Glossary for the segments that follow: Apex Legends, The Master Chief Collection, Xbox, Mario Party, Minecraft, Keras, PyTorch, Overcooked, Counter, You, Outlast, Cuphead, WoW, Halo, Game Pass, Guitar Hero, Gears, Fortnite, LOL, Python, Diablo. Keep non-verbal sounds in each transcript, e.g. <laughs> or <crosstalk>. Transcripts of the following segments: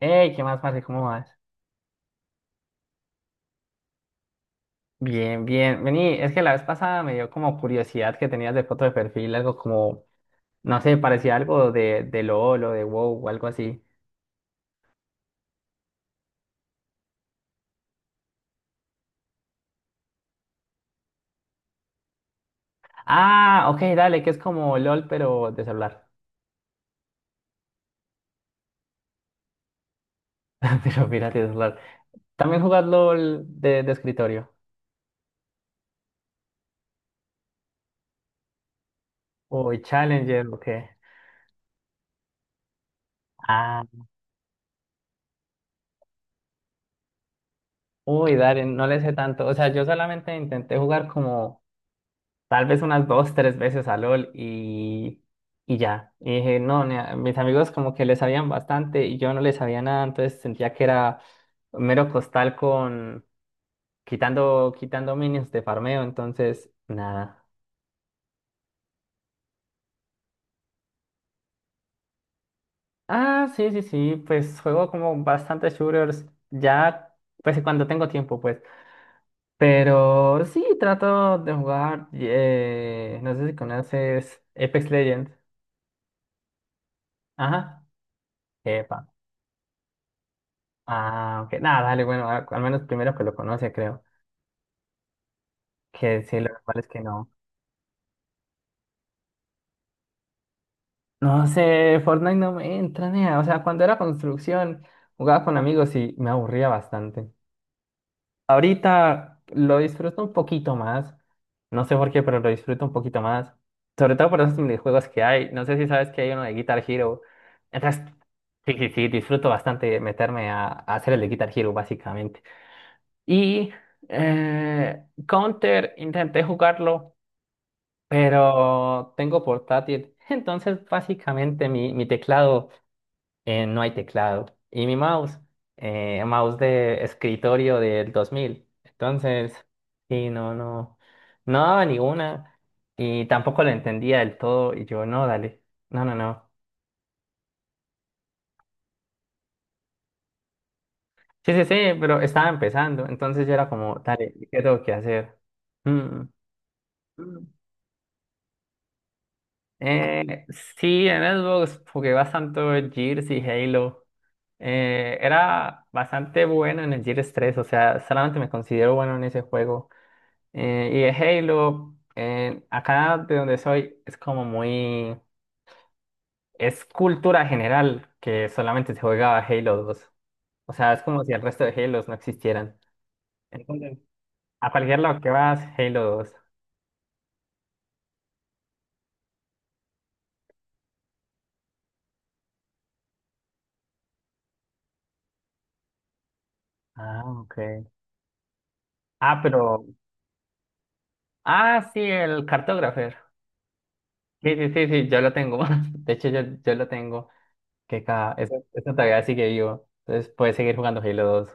Hey, ¿qué más, Marce? ¿Cómo vas? Bien, bien. Vení, es que la vez pasada me dio como curiosidad que tenías de foto de perfil, algo como, no sé, parecía algo de, LOL o de WoW o algo así. Ah, ok, dale, que es como LOL, pero de celular. <laughs> Pero fíjate, de celular. ¿También jugás LOL de escritorio? Uy, Challenger, ok. Ah, uy, dale, no le sé tanto. O sea, yo solamente intenté jugar como tal vez unas dos, tres veces a LOL y ya. Y dije, no, nea, mis amigos como que le sabían bastante y yo no le sabía nada, entonces sentía que era mero costal con quitando, quitando minions de farmeo, entonces nada. Ah, sí, sí, sí, pues juego como bastantes shooters, ya, pues cuando tengo tiempo, pues. Pero sí, trato de jugar, no sé si conoces Apex Legends. Ajá. Epa. Ah, ok. Nada, dale, bueno, al menos primero que lo conoce, creo. Que sí, lo cual es que no. No sé, Fortnite no me entra, nea. O sea, cuando era construcción, jugaba con amigos y me aburría bastante. Ahorita lo disfruto un poquito más. No sé por qué, pero lo disfruto un poquito más. Sobre todo por esos minijuegos que hay. No sé si sabes que hay uno de Guitar Hero. Entonces, sí, sí, sí, disfruto bastante meterme a, hacer el de Guitar Hero, básicamente. Y Counter, intenté jugarlo. Pero tengo portátil. <laughs> Entonces, básicamente, mi teclado, no hay teclado. Y mi mouse, mouse de escritorio del 2000. Entonces, sí, no, no, no daba ninguna. Y tampoco lo entendía del todo. Y yo, no, dale, no, no, no. Sí, sí, sí, pero estaba empezando. Entonces, yo era como, dale, ¿qué tengo que hacer? Mm. Eh, sí, en Xbox jugué bastante Gears y Halo. Era bastante bueno en el Gears 3, o sea, solamente me considero bueno en ese juego. Y el Halo, acá de donde soy, es como muy. Es cultura general que solamente se juega Halo 2. O sea, es como si el resto de Halos no existieran. Entonces, a cualquier lado que vas, Halo 2. Ah, ok. Ah, pero. Ah, sí, el cartógrafo. Sí, sí, sí, sí, ya la tengo. <laughs> De hecho, ya la tengo. Esta todavía sigue vivo. Entonces puedes seguir jugando Halo 2.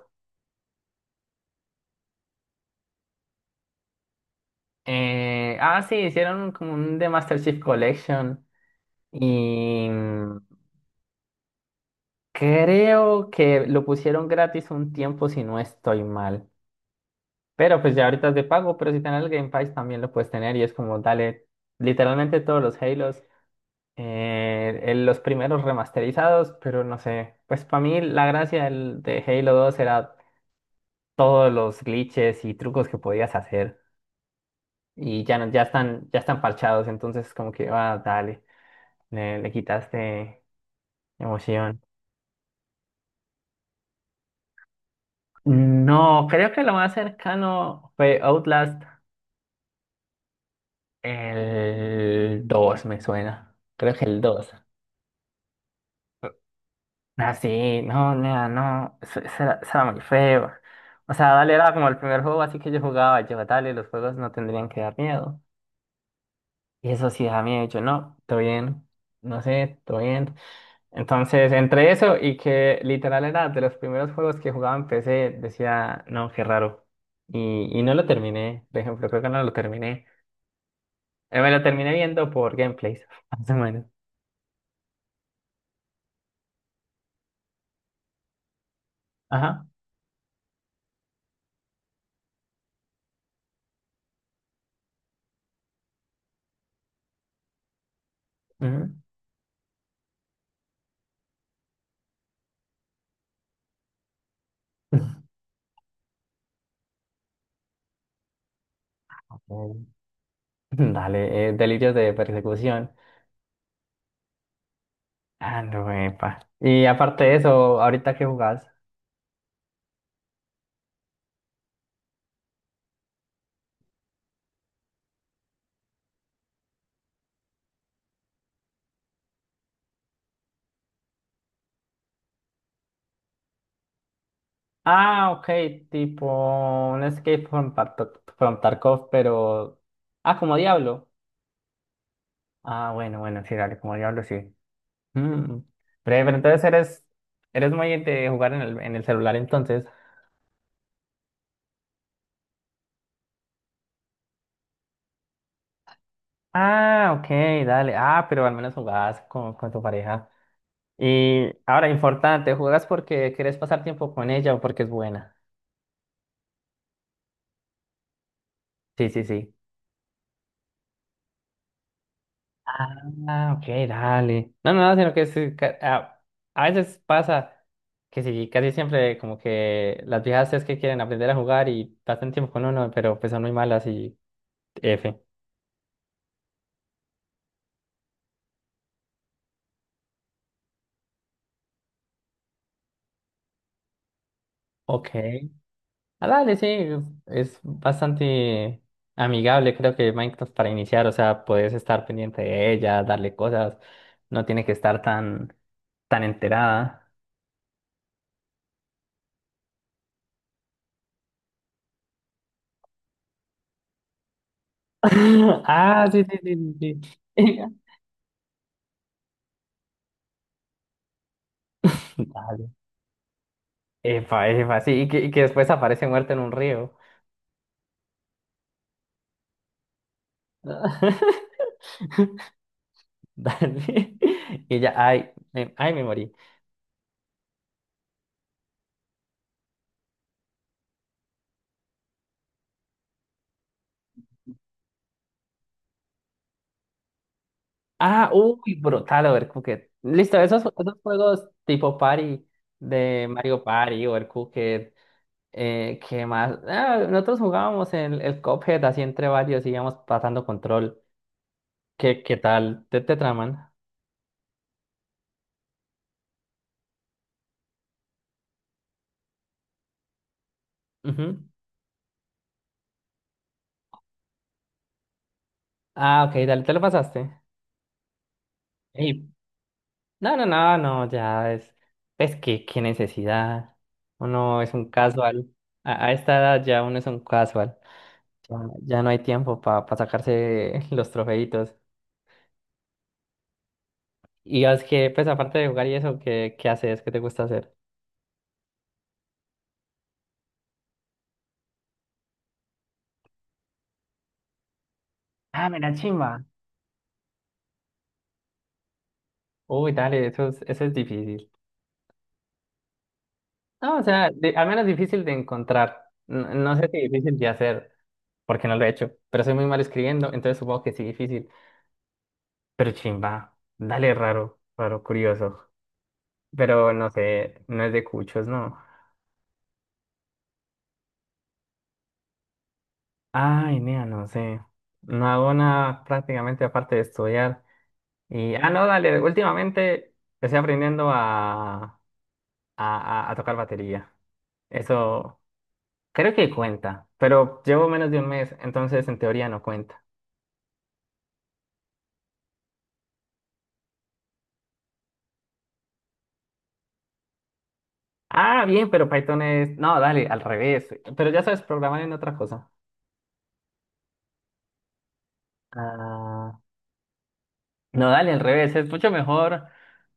Sí, hicieron como un The Master Chief Collection. Y creo que lo pusieron gratis un tiempo, si no estoy mal. Pero pues ya ahorita es de pago, pero si tenés el Game Pass también lo puedes tener. Y es como, dale, literalmente todos los Halos. eh, los primeros remasterizados, pero no sé. Pues para mí la gracia de Halo 2 era todos los glitches y trucos que podías hacer y ya, ya están parchados, entonces como que, ah, dale, le quitaste emoción. No, creo que lo más cercano fue Outlast, el 2 me suena, creo que el dos. Ah, sí, no, nea, no, eso era muy feo. O sea, Dale era como el primer juego, así que yo jugaba, yo, Dale, los juegos no tendrían que dar miedo. Y eso sí da miedo, yo, no, todo bien, no sé, todo bien. Entonces, entre eso y que literal era de los primeros juegos que jugaba en PC, decía, no, qué raro. Y no lo terminé, por ejemplo, creo que no lo terminé. Me lo terminé viendo por gameplays, <laughs> más o menos. Ajá. Ujú. Ok. <laughs> Dale, delirios de persecución. Ah, no, epa. Y aparte de eso, ¿ahorita qué jugás? Ah, ok, tipo un Escape from Tarkov, pero. Ah, como Diablo. Ah, bueno, bueno, sí, dale, como Diablo, sí. Mm. Breve, pero entonces eres, muy de jugar en el celular entonces. Ah, ok, dale. Ah, pero al menos jugabas con tu pareja. Y ahora, importante, ¿juegas porque quieres pasar tiempo con ella o porque es buena? Sí, sí, sí. Ah, ok, dale. No, no, no, sino que sí, a veces pasa que sí, casi siempre como que las viejas es que quieren aprender a jugar y pasan tiempo con uno, pero pues son muy malas y F. Ok. Ah, dale, sí, es bastante amigable, creo que Minecraft para iniciar, o sea, puedes estar pendiente de ella, darle cosas, no tiene que estar tan, tan enterada. <laughs> Ah, sí, sí, sí, sí. Sí. <laughs> Dale. Epa, epa, sí, y que después aparece muerta en un río. <laughs> Dale. Y ya, ay, me morí. Ah, uy, brutal, Overcooked. Listo, esos juegos tipo party de Mario Party, Overcooked. ¿Qué más? Ah, nosotros jugábamos el Cuphead así entre varios, íbamos pasando control. ¿Qué tal? ¿Te traman? Ujú. Ah, ok, dale, te lo pasaste. Ey, no, no, no, no, ya es. Es que, qué necesidad. Uno es un casual. A esta edad ya uno es un casual. Ya, ya no hay tiempo para sacarse <laughs> los trofeitos. Y es que, pues, aparte de jugar y eso, ¿qué haces? ¿Qué te gusta hacer? Ah, mira, chimba. Uy, dale, eso es difícil. No, o sea, al menos difícil de encontrar. No, no sé si difícil de hacer, porque no lo he hecho, pero soy muy mal escribiendo, entonces supongo que sí difícil. Pero chimba, dale raro, raro, curioso. Pero no sé, no es de cuchos, no. Ay, nea, no sé. No hago nada prácticamente aparte de estudiar. Y, ah, no, dale, últimamente estoy aprendiendo a tocar batería. Eso creo que cuenta, pero llevo menos de un mes, entonces en teoría no cuenta. Ah, bien, pero Python es. No, dale, al revés. Pero ya sabes programar en otra cosa. Ah, no, dale, al revés. Es mucho mejor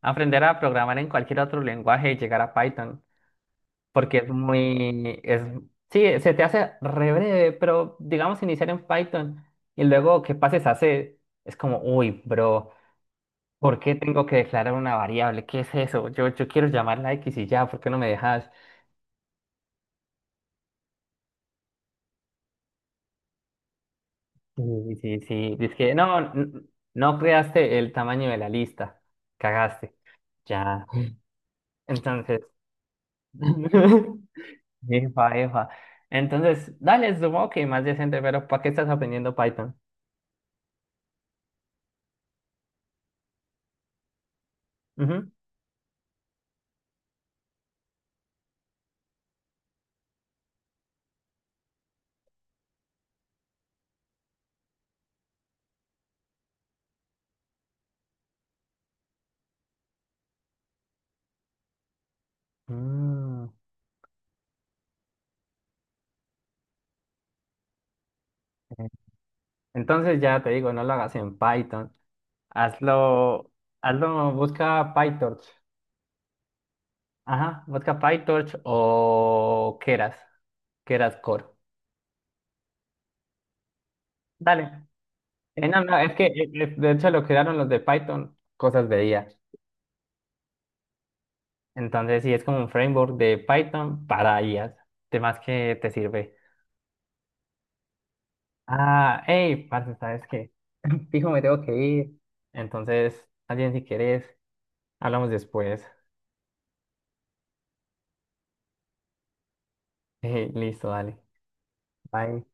aprender a programar en cualquier otro lenguaje y llegar a Python. Porque es muy. Es. Sí, se te hace re breve, pero digamos iniciar en Python y luego que pases a C, es como, uy, bro, ¿por qué tengo que declarar una variable? ¿Qué es eso? Yo quiero llamarla X y ya, ¿por qué no me dejas? Sí, sí, sí. Dice que no, no creaste el tamaño de la lista. Cagaste. Ya. Entonces. <laughs> Efa, efa. Entonces, dale, supongo que más decente, pero ¿para qué estás aprendiendo Python? Ujú. Mm, ok. Entonces ya te digo, no lo hagas en Python. Hazlo, hazlo, busca PyTorch. Ajá, busca PyTorch o Keras, Keras Core. Dale. No, no, es que de hecho lo crearon los de Python, cosas de IA. Entonces sí, es como un framework de Python para IAs. ¿De más que te sirve? Ah, hey, parce, ¿sabes qué? <laughs> Fijo, me tengo que ir. Entonces, alguien si querés, hablamos después. <laughs> Listo, dale. Bye.